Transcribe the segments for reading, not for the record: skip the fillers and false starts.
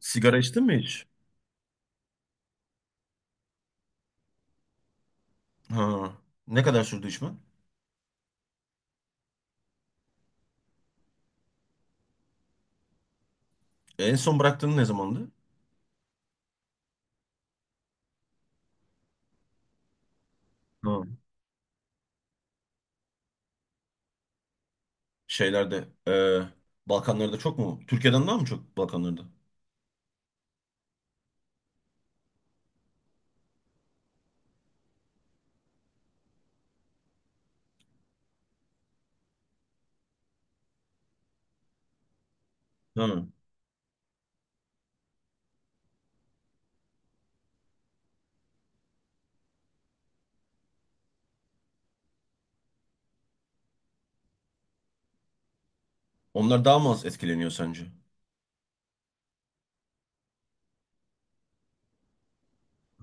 Sigara içtin mi hiç? Ha. Ne kadar sürdü içmen? En son bıraktığın ne zamandı? Ha. Şeylerde, Balkanlarda çok mu? Türkiye'den daha mı çok Balkanlarda? Ha. Onlar daha mı az etkileniyor sence?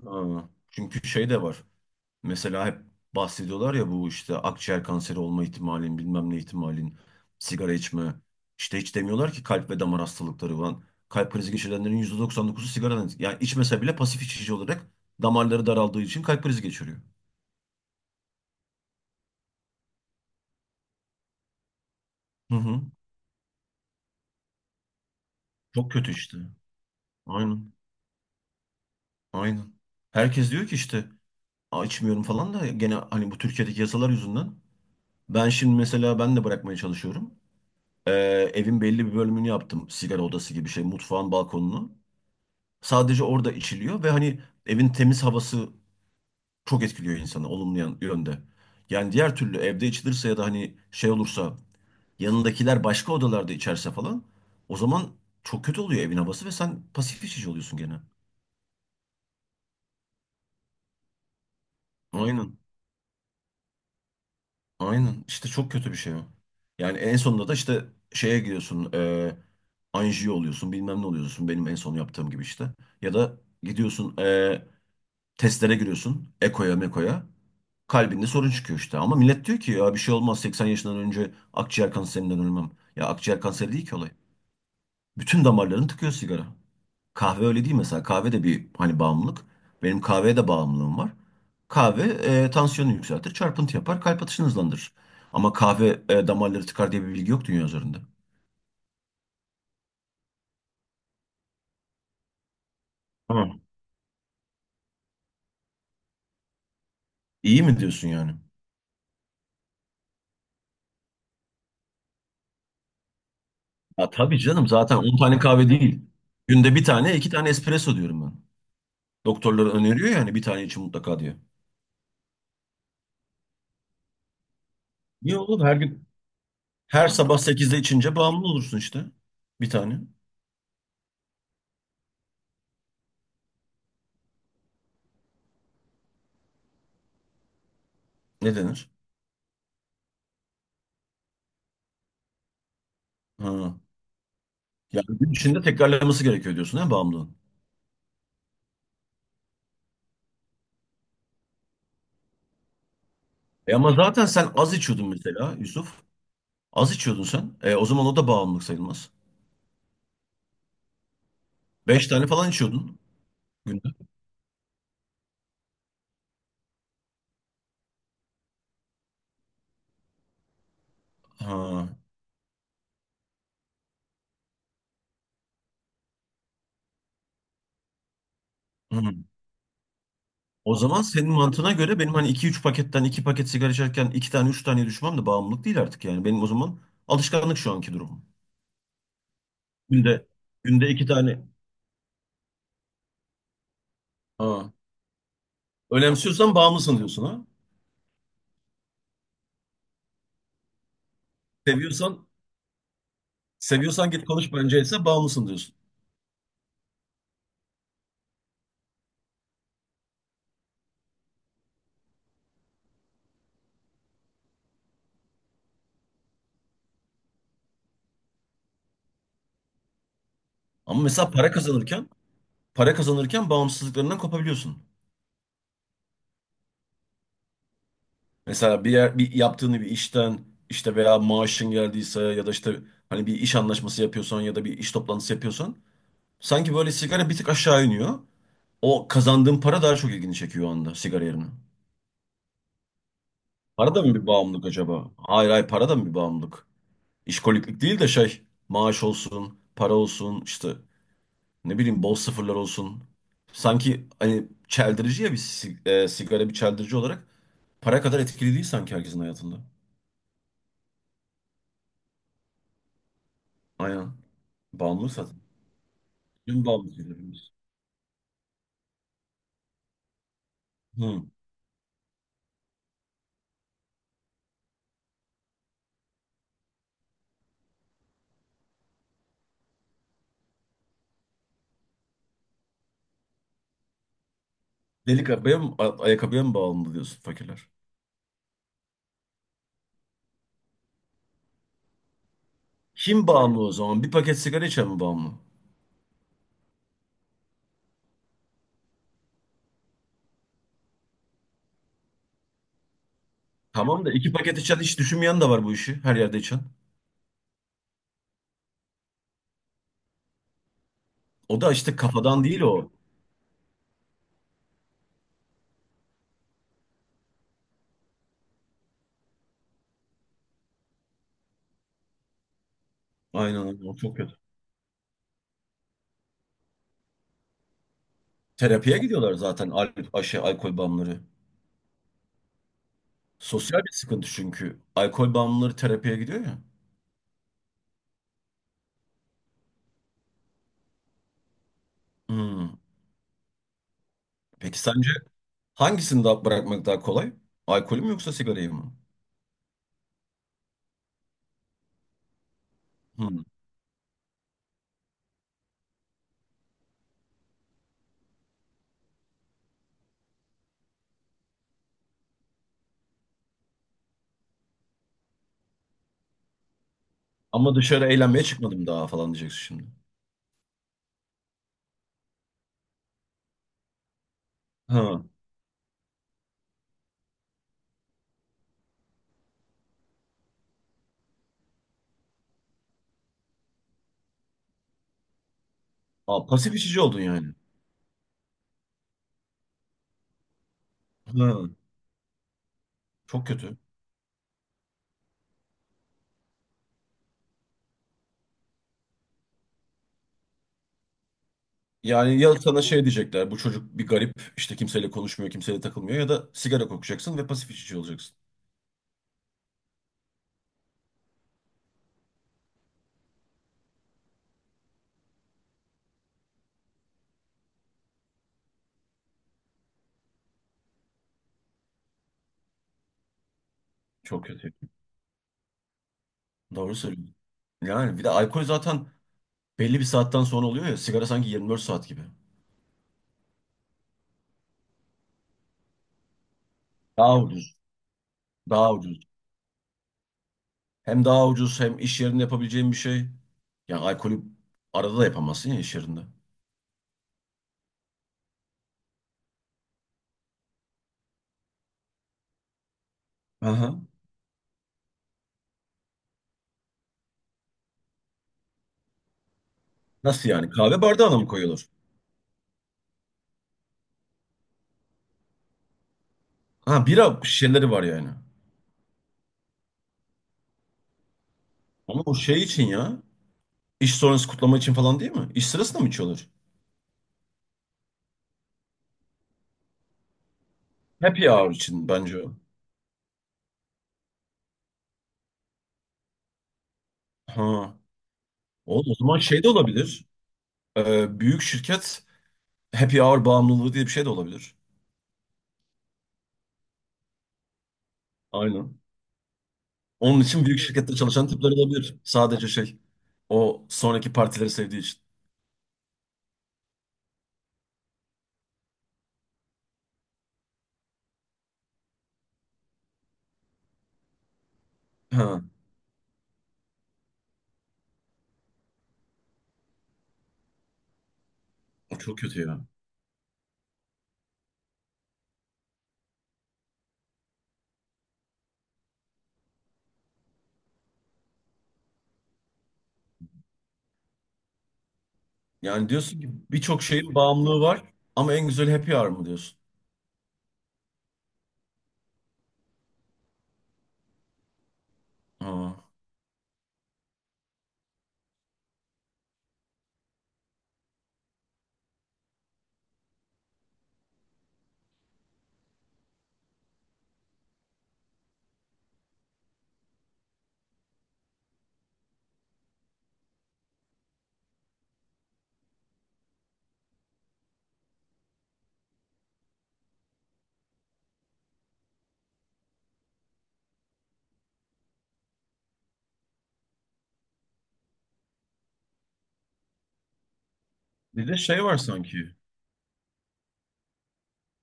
Ha. Çünkü şey de var. Mesela hep bahsediyorlar ya bu işte akciğer kanseri olma ihtimalin, bilmem ne ihtimalin, sigara içme. İşte hiç demiyorlar ki kalp ve damar hastalıkları falan. Kalp krizi geçirenlerin %99'u sigaradan. Yani içmese bile pasif içici olarak damarları daraldığı için kalp krizi geçiriyor. Hı hı. Çok kötü işte. Aynen. Aynen. Herkes diyor ki işte, "Aa, içmiyorum falan da gene hani bu Türkiye'deki yasalar yüzünden." Ben şimdi mesela ben de bırakmaya çalışıyorum. Ee, Evin belli bir bölümünü yaptım. Sigara odası gibi şey, mutfağın balkonunu. Sadece orada içiliyor ve hani evin temiz havası çok etkiliyor insanı olumlu yönde. Yani diğer türlü evde içilirse ya da hani şey olursa yanındakiler başka odalarda içerse falan o zaman çok kötü oluyor evin havası ve sen pasif içici oluyorsun gene. Aynen. Aynen. İşte çok kötü bir şey o. Yani en sonunda da işte şeye gidiyorsun. Anjiyo oluyorsun. Bilmem ne oluyorsun. Benim en son yaptığım gibi işte. Ya da gidiyorsun testlere giriyorsun. Eko'ya meko'ya. Kalbinde sorun çıkıyor işte. Ama millet diyor ki ya bir şey olmaz. 80 yaşından önce akciğer kanserinden ölmem. Ya akciğer kanseri değil ki olay. Bütün damarlarını tıkıyor sigara. Kahve öyle değil mesela. Kahve de bir hani bağımlılık. Benim kahveye de bağımlılığım var. Kahve tansiyonu yükseltir, çarpıntı yapar, kalp atışını hızlandırır. Ama kahve damarları tıkar diye bir bilgi yok dünya üzerinde. Hı. İyi mi diyorsun yani? Ya tabii canım zaten 10 tane kahve değil. Günde bir tane, iki tane espresso diyorum ben. Doktorlar öneriyor yani bir tane için mutlaka diyor. Niye oğlum her gün her sabah 8'de içince bağımlı olursun işte. Bir tane. Ne denir? Ha. Yani gün içinde tekrarlaması gerekiyor diyorsun ha bağımlılığın. Ama zaten sen az içiyordun mesela Yusuf. Az içiyordun sen. O zaman o da bağımlılık sayılmaz. Beş tane falan içiyordun günde. Ha. Hı. O zaman senin mantığına göre benim hani iki üç paketten iki paket sigara içerken iki tane üç tane düşmem de bağımlılık değil artık yani. Benim o zaman alışkanlık şu anki durumum. Günde günde iki tane. Ha. Önemsiyorsan bağımlısın diyorsun ha. Seviyorsan seviyorsan git konuş bence ise bağımlısın diyorsun. Ama mesela para kazanırken bağımsızlıklarından kopabiliyorsun. Mesela bir yaptığını bir işten işte veya maaşın geldiyse ya da işte hani bir iş anlaşması yapıyorsan ya da bir iş toplantısı yapıyorsan sanki böyle sigara bir tık aşağı iniyor. O kazandığın para daha çok ilgini çekiyor o anda sigara yerine. Para da mı bir bağımlılık acaba? Hayır, hayır, para da mı bir bağımlılık? İşkoliklik değil de şey, maaş olsun, para olsun işte ne bileyim bol sıfırlar olsun. Sanki hani çeldirici ya, sigara bir çeldirici olarak para kadar etkili değil sanki herkesin hayatında. Aynen. Bağımlı zaten. Kim bağımlı birbirimiz? Hı. Delik arabaya mı, ayakkabıya mı bağımlı diyorsun fakirler? Kim bağımlı o zaman? Bir paket sigara içen mi bağımlı? Tamam da iki paket içen hiç düşünmeyen de var bu işi. Her yerde içen. O da işte kafadan değil o. Aynen öyle. O çok kötü. Terapiye gidiyorlar zaten al aşı, alkol bağımlıları. Sosyal bir sıkıntı çünkü. Alkol bağımlıları terapiye gidiyor ya. Hmm. Peki sence hangisini daha bırakmak daha kolay? Alkolü mü yoksa sigarayı mı? Ama dışarı eğlenmeye çıkmadım daha falan diyeceksin şimdi. Ha. Aa, pasif içici oldun yani. Ha. Çok kötü. Yani ya sana şey diyecekler, bu çocuk bir garip işte, kimseyle konuşmuyor kimseyle takılmıyor ya da sigara kokacaksın ve pasif içici olacaksın. Çok kötü. Doğru söylüyorsun. Yani bir de alkol zaten belli bir saatten sonra oluyor ya, sigara sanki 24 saat gibi. Daha ucuz. Daha ucuz. Hem daha ucuz hem iş yerinde yapabileceğin bir şey. Yani alkolü arada da yapamazsın ya iş yerinde. Aha. Nasıl yani? Kahve bardağına mı koyuyorlar? Ha, bira şişeleri var yani. Ama o şey için ya. İş sonrası kutlama için falan değil mi? İş sırasında mı içiyorlar? Happy hour için bence o. Ha. O zaman şey de olabilir. Büyük şirket happy hour bağımlılığı diye bir şey de olabilir. Aynen. Onun için büyük şirkette çalışan tipler olabilir. Sadece şey. O sonraki partileri sevdiği için. Ha. O çok kötü ya. Yani diyorsun ki birçok şeyin bağımlılığı var ama en güzel happy hour mı diyorsun? Ha. Bir de şey var sanki.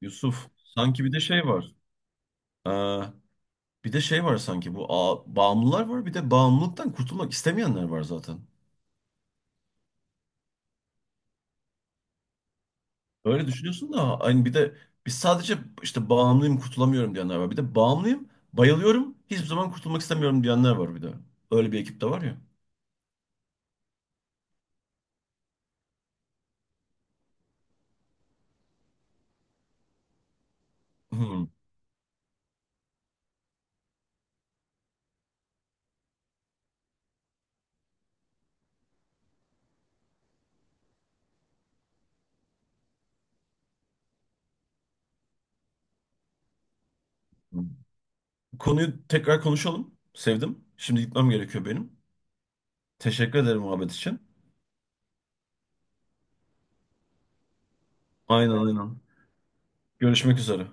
Yusuf. Sanki bir de şey var. Ee, Bir de şey var sanki bu bağımlılar var bir de bağımlılıktan kurtulmak istemeyenler var zaten. Öyle düşünüyorsun da hani bir de biz sadece işte bağımlıyım kurtulamıyorum diyenler var. Bir de bağımlıyım bayılıyorum hiçbir zaman kurtulmak istemiyorum diyenler var bir de. Öyle bir ekip de var ya. Hmm. Konuyu tekrar konuşalım. Sevdim. Şimdi gitmem gerekiyor benim. Teşekkür ederim muhabbet için. Aynen, aynen. Görüşmek üzere.